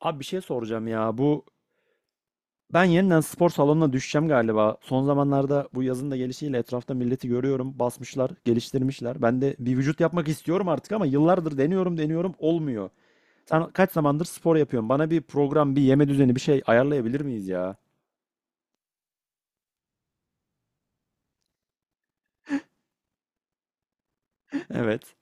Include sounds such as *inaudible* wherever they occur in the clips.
Abi bir şey soracağım ya. Ben yeniden spor salonuna düşeceğim galiba. Son zamanlarda bu yazın da gelişiyle etrafta milleti görüyorum. Basmışlar, geliştirmişler. Ben de bir vücut yapmak istiyorum artık ama yıllardır deniyorum, deniyorum olmuyor. Sen kaç zamandır spor yapıyorsun? Bana bir program, bir yeme düzeni, bir şey ayarlayabilir miyiz ya? *laughs* Evet.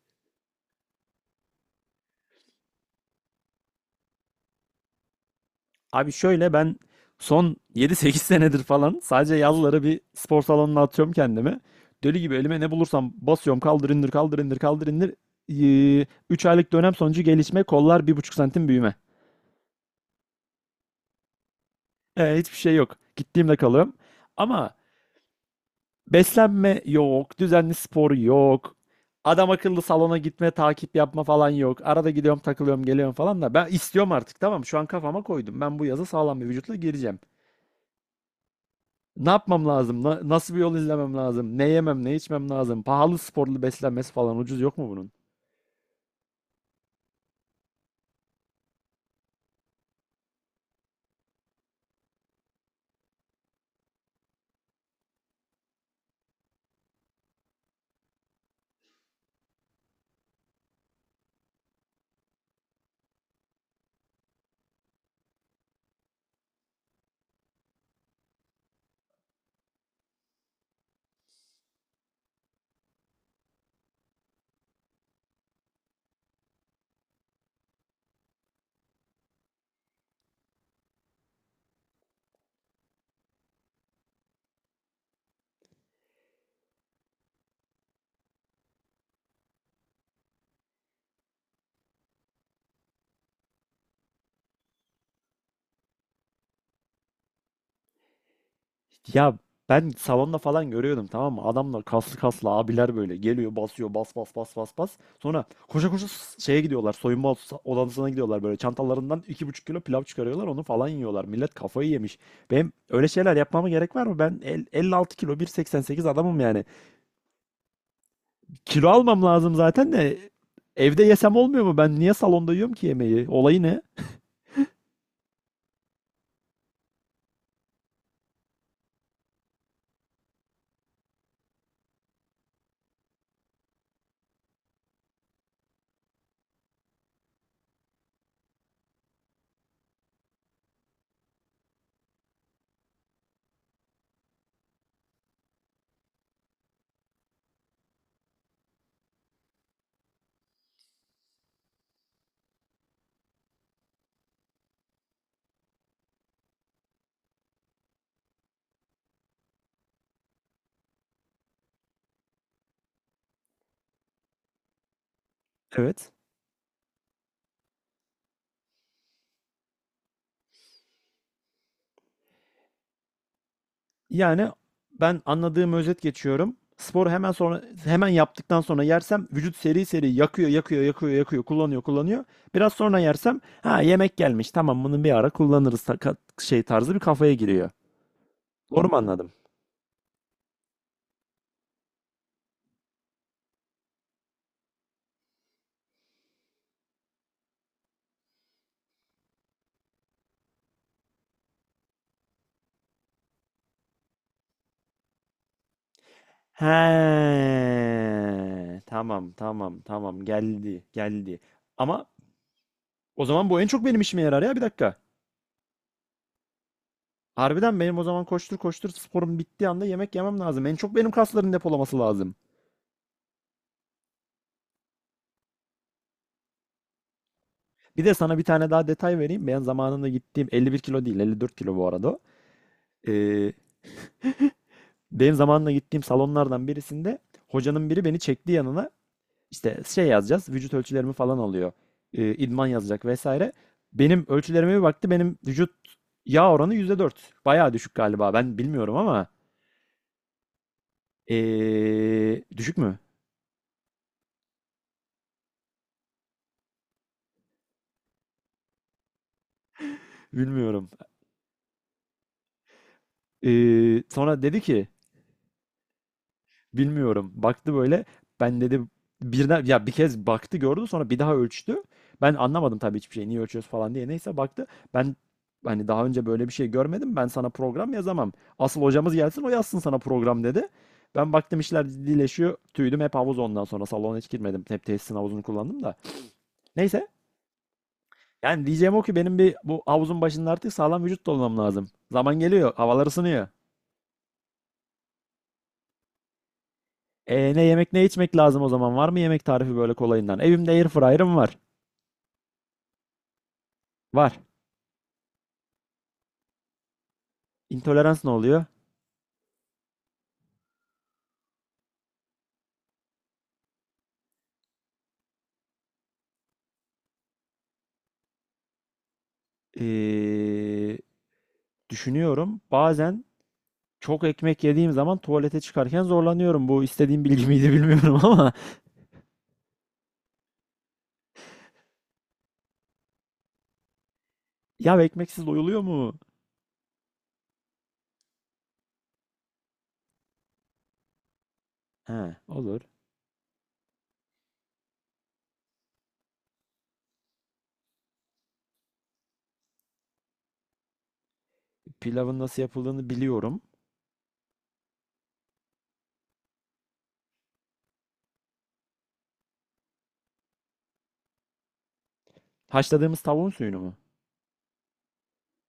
Abi şöyle ben son 7-8 *laughs* senedir falan sadece yazları bir spor salonuna atıyorum kendimi. Deli gibi elime ne bulursam basıyorum, kaldır indir kaldır indir kaldır indir. 3 aylık dönem sonucu gelişme, kollar 1,5 santim büyüme. E, hiçbir şey yok. Gittiğimde kalıyorum. Ama beslenme yok, düzenli spor yok. Adam akıllı salona gitme, takip yapma falan yok. Arada gidiyorum, takılıyorum, geliyorum falan da ben istiyorum artık, tamam mı? Şu an kafama koydum. Ben bu yazı sağlam bir vücutla gireceğim. Ne yapmam lazım? Nasıl bir yol izlemem lazım? Ne yemem, ne içmem lazım? Pahalı sporlu beslenmesi falan, ucuz yok mu bunun? Ya ben salonda falan görüyordum, tamam mı? Adamlar kaslı kaslı abiler böyle geliyor, basıyor bas bas bas bas bas. Sonra koşa koşa şeye gidiyorlar, soyunma odasına gidiyorlar, böyle çantalarından 2,5 kilo pilav çıkarıyorlar, onu falan yiyorlar. Millet kafayı yemiş. Benim öyle şeyler yapmama gerek var mı? Ben 56 kilo 1,88 adamım yani. Kilo almam lazım zaten de evde yesem olmuyor mu? Ben niye salonda yiyorum ki yemeği? Olayı ne? Evet. Yani ben anladığım özet geçiyorum. Sporu hemen sonra, hemen yaptıktan sonra yersem vücut seri seri yakıyor, yakıyor, yakıyor, yakıyor, kullanıyor, kullanıyor. Biraz sonra yersem, ha, yemek gelmiş. Tamam, bunu bir ara kullanırız, şey tarzı bir kafaya giriyor. Doğru mu anladım? He, tamam, tamam, tamam, geldi, geldi. Ama o zaman bu en çok benim işime yarar ya, bir dakika. Harbiden benim o zaman koştur koştur sporum bittiği anda yemek yemem lazım. En çok benim kasların depolaması lazım. Bir de sana bir tane daha detay vereyim. Ben zamanında gittiğim 51 kilo değil, 54 kilo bu arada. O. Ee, Benim zamanında gittiğim salonlardan birisinde hocanın biri beni çekti yanına. İşte şey yazacağız, vücut ölçülerimi falan alıyor. İdman yazacak vesaire. Benim ölçülerime bir baktı, benim vücut yağ oranı %4. Bayağı düşük galiba, ben bilmiyorum ama. Düşük mü? Bilmiyorum. Sonra dedi ki bilmiyorum. Baktı böyle. Ben dedi, birden ya bir kez baktı gördü, sonra bir daha ölçtü. Ben anlamadım tabii hiçbir şey. Niye ölçüyoruz falan diye. Neyse baktı. Ben hani daha önce böyle bir şey görmedim. Ben sana program yazamam. Asıl hocamız gelsin, o yazsın sana program, dedi. Ben baktım işler ciddileşiyor. Tüydüm hep havuz ondan sonra. Salona hiç girmedim. Hep tesisin havuzunu kullandım da. Neyse. Yani diyeceğim o ki benim bir bu havuzun başında artık sağlam vücut dolamam lazım. Zaman geliyor. Havalar ısınıyor. E, ne yemek ne içmek lazım o zaman? Var mı yemek tarifi böyle kolayından? Evimde air fryer'ım var. Var. İntolerans ne oluyor? Ee, Düşünüyorum. Bazen çok ekmek yediğim zaman tuvalete çıkarken zorlanıyorum. Bu istediğim bilgi miydi bilmiyorum *laughs* ama ya, ekmeksiz doyuluyor mu? He, olur. Pilavın nasıl yapıldığını biliyorum. Haşladığımız tavuğun suyunu mu?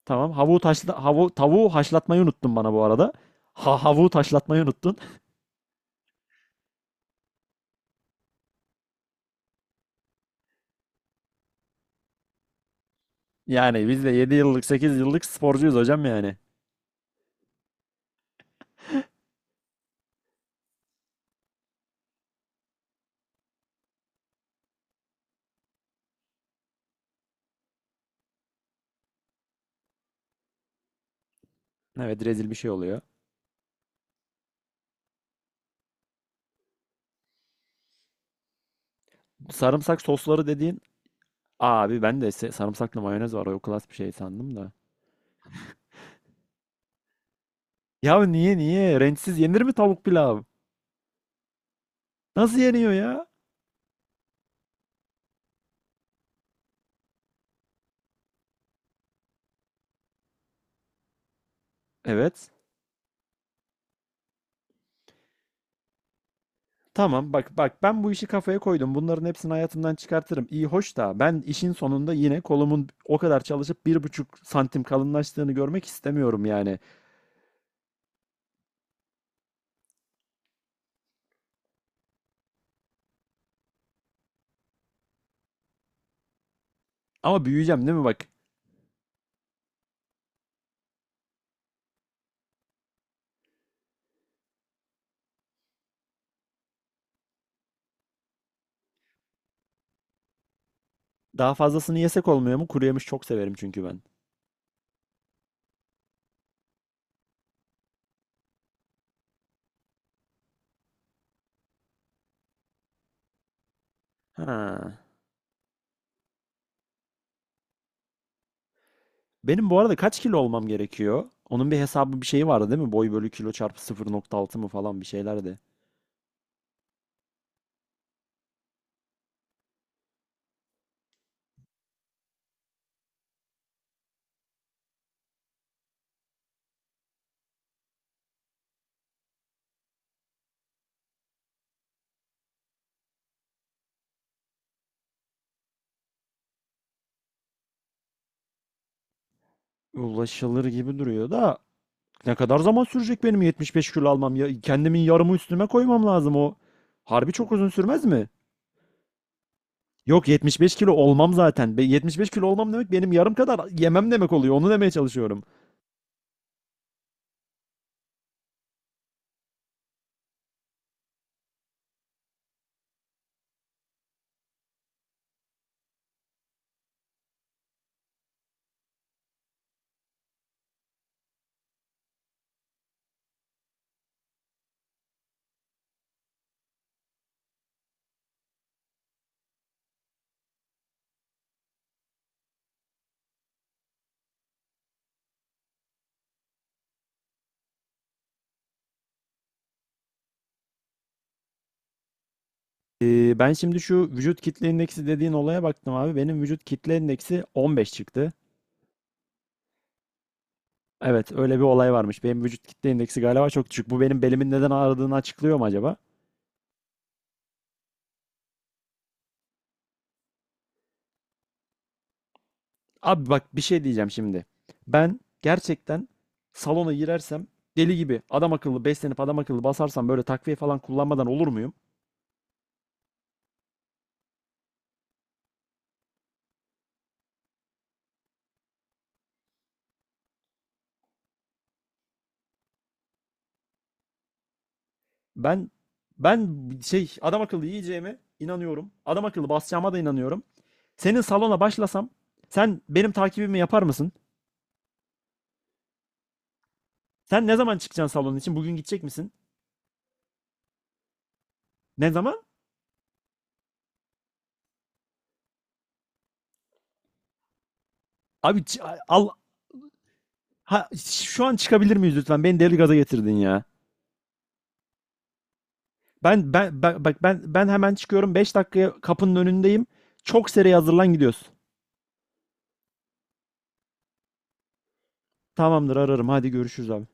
Tamam. Havuğu taşla, havu tavuğu haşlatmayı unuttun bana bu arada. Ha, havuğu taşlatmayı unuttun. *laughs* Yani biz de 7-8 yıllık sporcuyuz hocam yani. Evet, rezil bir şey oluyor. Sarımsak sosları dediğin, abi ben de sarımsaklı mayonez var. O klas bir şey sandım da. Ya, niye niye? Renksiz yenir mi tavuk pilav? Nasıl yeniyor ya? Evet. Tamam bak bak, ben bu işi kafaya koydum. Bunların hepsini hayatımdan çıkartırım. İyi hoş da ben işin sonunda yine kolumun o kadar çalışıp 1,5 santim kalınlaştığını görmek istemiyorum yani. Ama büyüyeceğim değil mi bak? Daha fazlasını yesek olmuyor mu? Kuru yemiş çok severim çünkü ben. Ha. Benim bu arada kaç kilo olmam gerekiyor? Onun bir hesabı bir şeyi vardı değil mi? Boy bölü kilo çarpı 0,6 mı falan bir şeylerdi. Ulaşılır gibi duruyor da ne kadar zaman sürecek benim 75 kilo almam? Ya kendimin yarımı üstüme koymam lazım o. Harbi çok uzun sürmez mi? Yok, 75 kilo olmam zaten. 75 kilo olmam demek benim yarım kadar yemem demek oluyor. Onu demeye çalışıyorum. Ben şimdi şu vücut kitle indeksi dediğin olaya baktım abi. Benim vücut kitle indeksi 15 çıktı. Evet, öyle bir olay varmış. Benim vücut kitle indeksi galiba çok düşük. Bu benim belimin neden ağrıdığını açıklıyor mu acaba? Abi bak bir şey diyeceğim şimdi. Ben gerçekten salona girersem, deli gibi adam akıllı beslenip adam akıllı basarsam, böyle takviye falan kullanmadan olur muyum? Ben ben adam akıllı yiyeceğime inanıyorum. Adam akıllı basacağıma da inanıyorum. Senin salona başlasam sen benim takibimi yapar mısın? Sen ne zaman çıkacaksın salonun için? Bugün gidecek misin? Ne zaman? Abi, al, ha, şu an çıkabilir miyiz lütfen? Beni deli gaza getirdin ya. Ben bak bak ben hemen çıkıyorum. 5 dakikaya kapının önündeyim. Çok seri hazırlan, gidiyoruz. Tamamdır, ararım. Hadi görüşürüz abi.